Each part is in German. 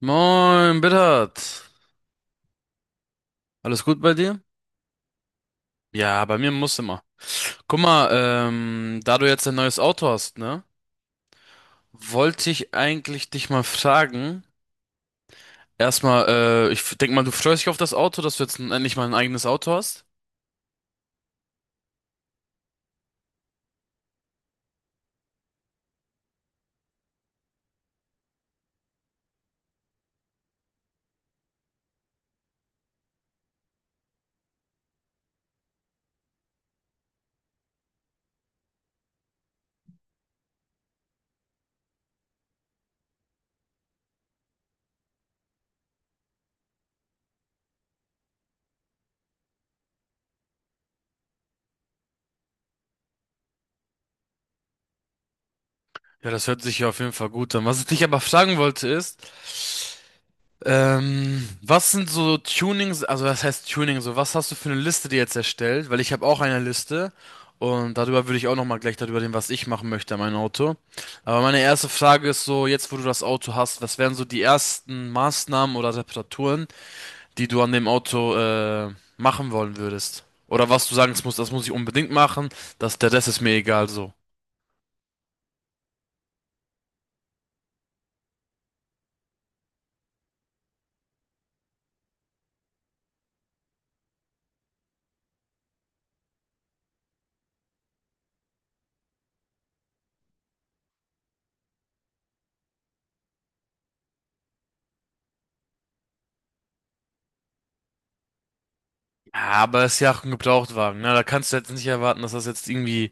Moin, Bittert. Alles gut bei dir? Ja, bei mir muss immer. Guck mal, da du jetzt ein neues Auto hast, ne? Wollte ich eigentlich dich mal fragen. Erstmal, ich denk mal, du freust dich auf das Auto, dass du jetzt endlich mal ein eigenes Auto hast. Ja, das hört sich ja auf jeden Fall gut an. Was ich dich aber fragen wollte ist, was sind so Tunings, also was heißt Tuning, so was hast du für eine Liste dir jetzt erstellt? Weil ich habe auch eine Liste und darüber würde ich auch nochmal gleich darüber reden, was ich machen möchte an meinem Auto. Aber meine erste Frage ist so, jetzt wo du das Auto hast, was wären so die ersten Maßnahmen oder Reparaturen, die du an dem Auto machen wollen würdest? Oder was du sagen musst, das muss ich unbedingt machen, das, der Rest ist mir egal so. Ja, aber es ist ja auch ein Gebrauchtwagen, ne? Da kannst du jetzt nicht erwarten, dass das jetzt irgendwie,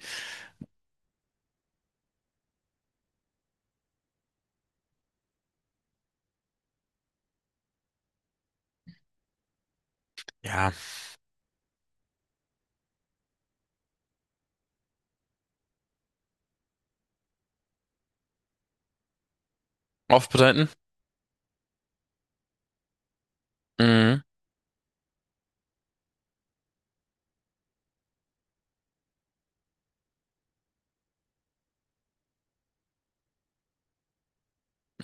ja, aufbereiten. Mhm.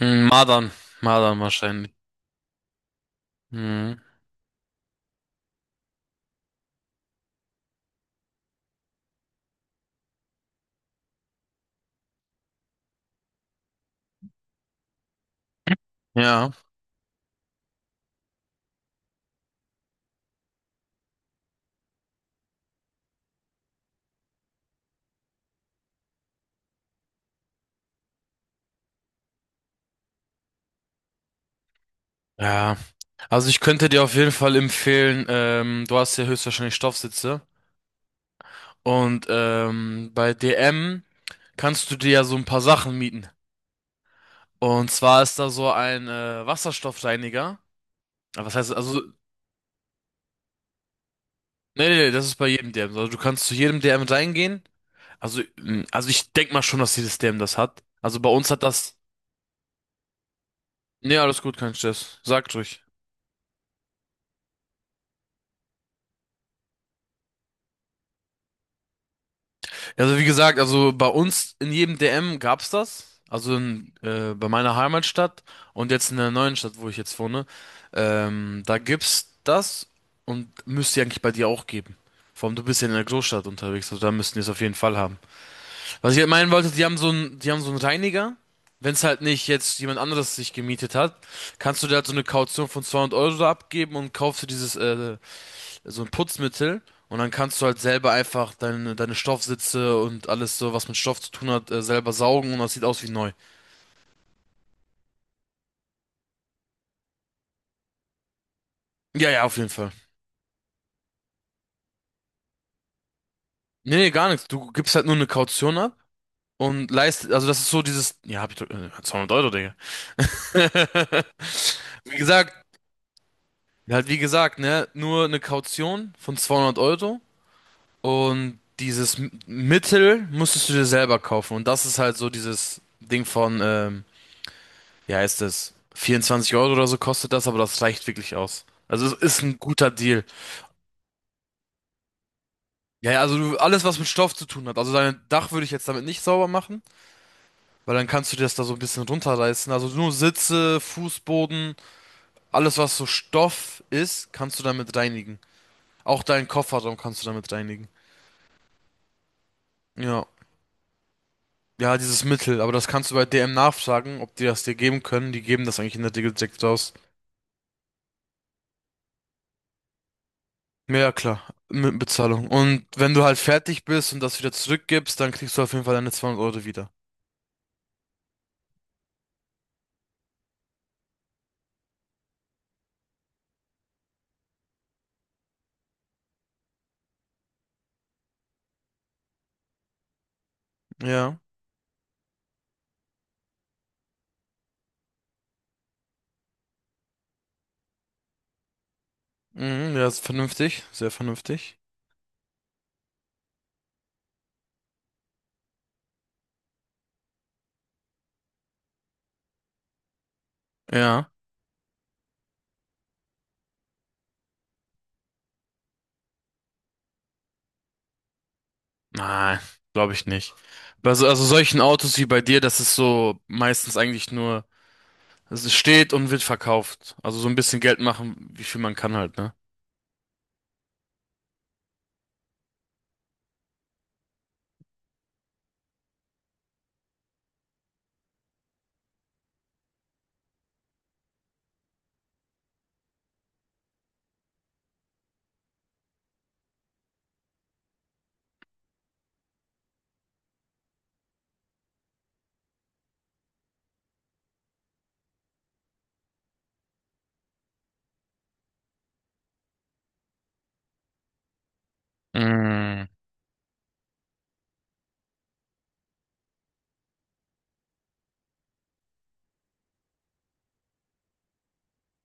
Mm, Mardan, Mardan wahrscheinlich. Mhm. Ja, ja. Also ich könnte dir auf jeden Fall empfehlen, du hast ja höchstwahrscheinlich Stoffsitze und bei DM kannst du dir ja so ein paar Sachen mieten. Und zwar ist da so ein Wasserstoffreiniger. Aber was heißt, also, nee, nee, nee, das ist bei jedem DM. Also du kannst zu jedem DM reingehen. Also, mm, also ich denk mal schon, dass jedes DM das hat. Also bei uns hat das, nee, alles gut, kein Stress. Sagt ruhig. Also wie gesagt, also bei uns in jedem DM gab's das. Also in, bei meiner Heimatstadt und jetzt in der neuen Stadt, wo ich jetzt wohne, da gibt's das und müsste eigentlich bei dir auch geben. Vor allem du bist ja in der Großstadt unterwegs, also da müssten die es auf jeden Fall haben. Was ich halt meinen wollte, die haben so einen, die haben so einen Reiniger. Wenn es halt nicht jetzt jemand anderes sich gemietet hat, kannst du da halt so eine Kaution von 200 Euro abgeben und kaufst du dieses so ein Putzmittel und dann kannst du halt selber einfach deine Stoffsitze und alles so, was mit Stoff zu tun hat, selber saugen und das sieht aus wie neu. Ja, ja, auf jeden Fall. Nee, nee, gar nichts. Du gibst halt nur eine Kaution ab und leist, also das ist so dieses, ja, hab ich doch, 200 Euro, Digga. Wie gesagt, halt wie gesagt, ne, nur eine Kaution von 200 Euro und dieses Mittel musstest du dir selber kaufen und das ist halt so dieses Ding von, wie heißt es? 24 Euro oder so kostet das, aber das reicht wirklich aus. Also es ist ein guter Deal. Ja, ja, also du, alles, was mit Stoff zu tun hat. Also dein Dach würde ich jetzt damit nicht sauber machen, weil dann kannst du dir das da so ein bisschen runterreißen. Also nur Sitze, Fußboden, alles, was so Stoff ist, kannst du damit reinigen. Auch deinen Kofferraum kannst du damit reinigen. Ja. Ja, dieses Mittel, aber das kannst du bei DM nachfragen, ob die das dir geben können. Die geben das eigentlich in der Regel direkt raus. Ja, klar, mit Bezahlung. Und wenn du halt fertig bist und das wieder zurückgibst, dann kriegst du auf jeden Fall deine 200 Euro wieder. Ja, mhm, ja, ist vernünftig, sehr vernünftig. Ja, nein, glaube ich nicht. Also solchen Autos wie bei dir, das ist so meistens eigentlich nur, es steht und wird verkauft. Also so ein bisschen Geld machen, wie viel man kann halt, ne? Mhm.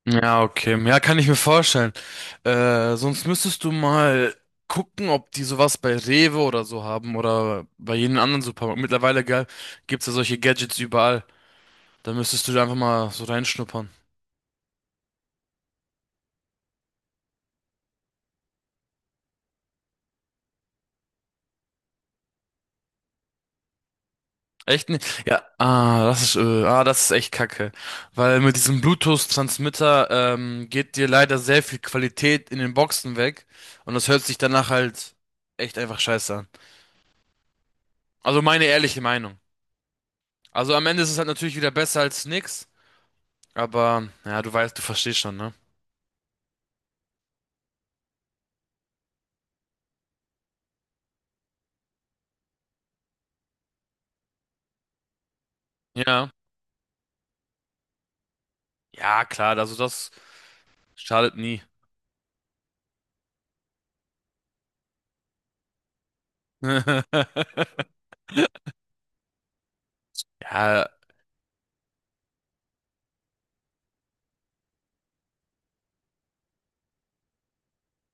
Ja, okay. Ja, kann ich mir vorstellen. Sonst müsstest du mal gucken, ob die sowas bei Rewe oder so haben oder bei jedem anderen Supermarkt. Mittlerweile gibt's ja solche Gadgets überall. Da müsstest du da einfach mal so reinschnuppern. Echt nicht? Ja, ah, das ist echt Kacke. Weil mit diesem Bluetooth-Transmitter geht dir leider sehr viel Qualität in den Boxen weg. Und das hört sich danach halt echt einfach scheiße an. Also meine ehrliche Meinung. Also am Ende ist es halt natürlich wieder besser als nix. Aber, ja, du weißt, du verstehst schon, ne? Ja. Ja, klar, also das schadet nie. Ja,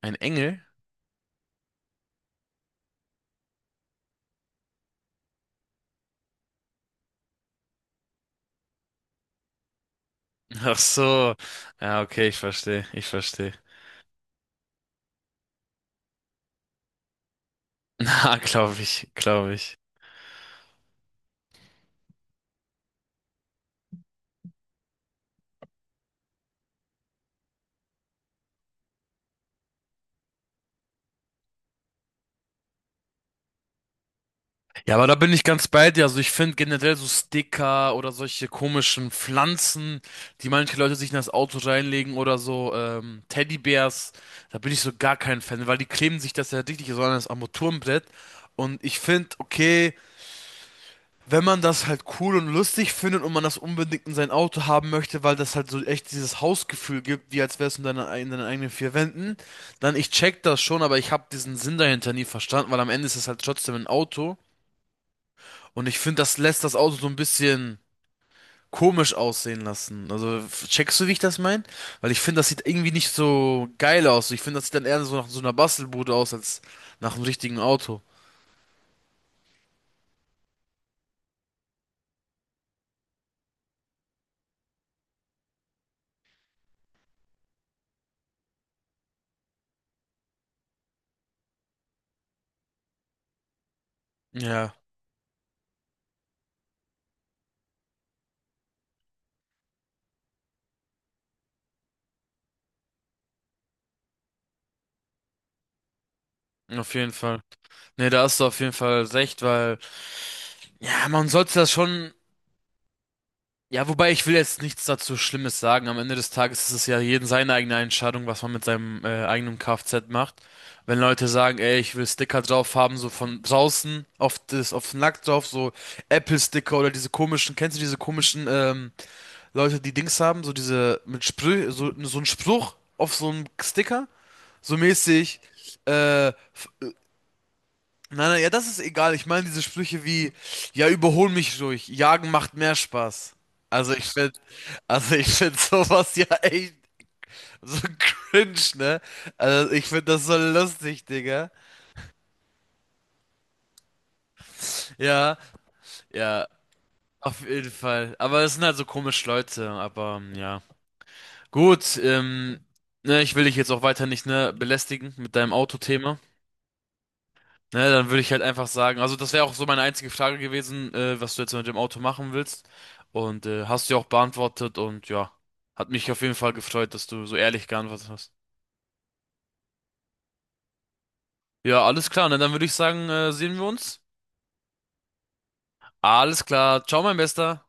ein Engel? Ach so. Ja, okay, ich verstehe, ich verstehe. Na, glaube ich, glaube ich. Ja, aber da bin ich ganz bei dir. Also ich finde generell so Sticker oder solche komischen Pflanzen, die manche Leute sich in das Auto reinlegen oder so Teddybärs, da bin ich so gar kein Fan, weil die kleben sich das ja richtig so an das Armaturenbrett. Und ich finde, okay, wenn man das halt cool und lustig findet und man das unbedingt in sein Auto haben möchte, weil das halt so echt dieses Hausgefühl gibt, wie als wär's in deiner, in deinen eigenen vier Wänden, dann ich check das schon, aber ich habe diesen Sinn dahinter nie verstanden, weil am Ende ist es halt trotzdem ein Auto und ich finde, das lässt das Auto so ein bisschen komisch aussehen lassen. Also checkst du, wie ich das meine? Weil ich finde, das sieht irgendwie nicht so geil aus. Ich finde, das sieht dann eher so nach so einer Bastelbude aus als nach einem richtigen Auto. Ja, auf jeden Fall. Nee, da hast du auf jeden Fall recht, weil ja, man sollte das schon. Ja, wobei ich will jetzt nichts dazu Schlimmes sagen. Am Ende des Tages ist es ja jeden seine eigene Entscheidung, was man mit seinem eigenen Kfz macht. Wenn Leute sagen, ey, ich will Sticker drauf haben, so von draußen auf das, auf den Lack drauf, so Apple-Sticker oder diese komischen, kennst du diese komischen Leute, die Dings haben, so diese mit Sprüh, so, so ein Spruch auf so einem Sticker, so mäßig, äh, nein, nein, ja, das ist egal. Ich meine diese Sprüche wie, ja, überhol mich ruhig, jagen macht mehr Spaß. Also ich finde, also ich finde sowas ja echt so cringe, ne? Also ich finde das so lustig, Digga. Ja, ja, auf jeden Fall. Aber es sind halt so komische Leute, aber ja. Gut, ne, ich will dich jetzt auch weiter nicht, ne, belästigen mit deinem Autothema. Ne, dann würde ich halt einfach sagen, also das wäre auch so meine einzige Frage gewesen, was du jetzt mit dem Auto machen willst. Und hast du ja auch beantwortet und ja, hat mich auf jeden Fall gefreut, dass du so ehrlich geantwortet hast. Ja, alles klar, ne, dann würde ich sagen, sehen wir uns. Alles klar, ciao, mein Bester.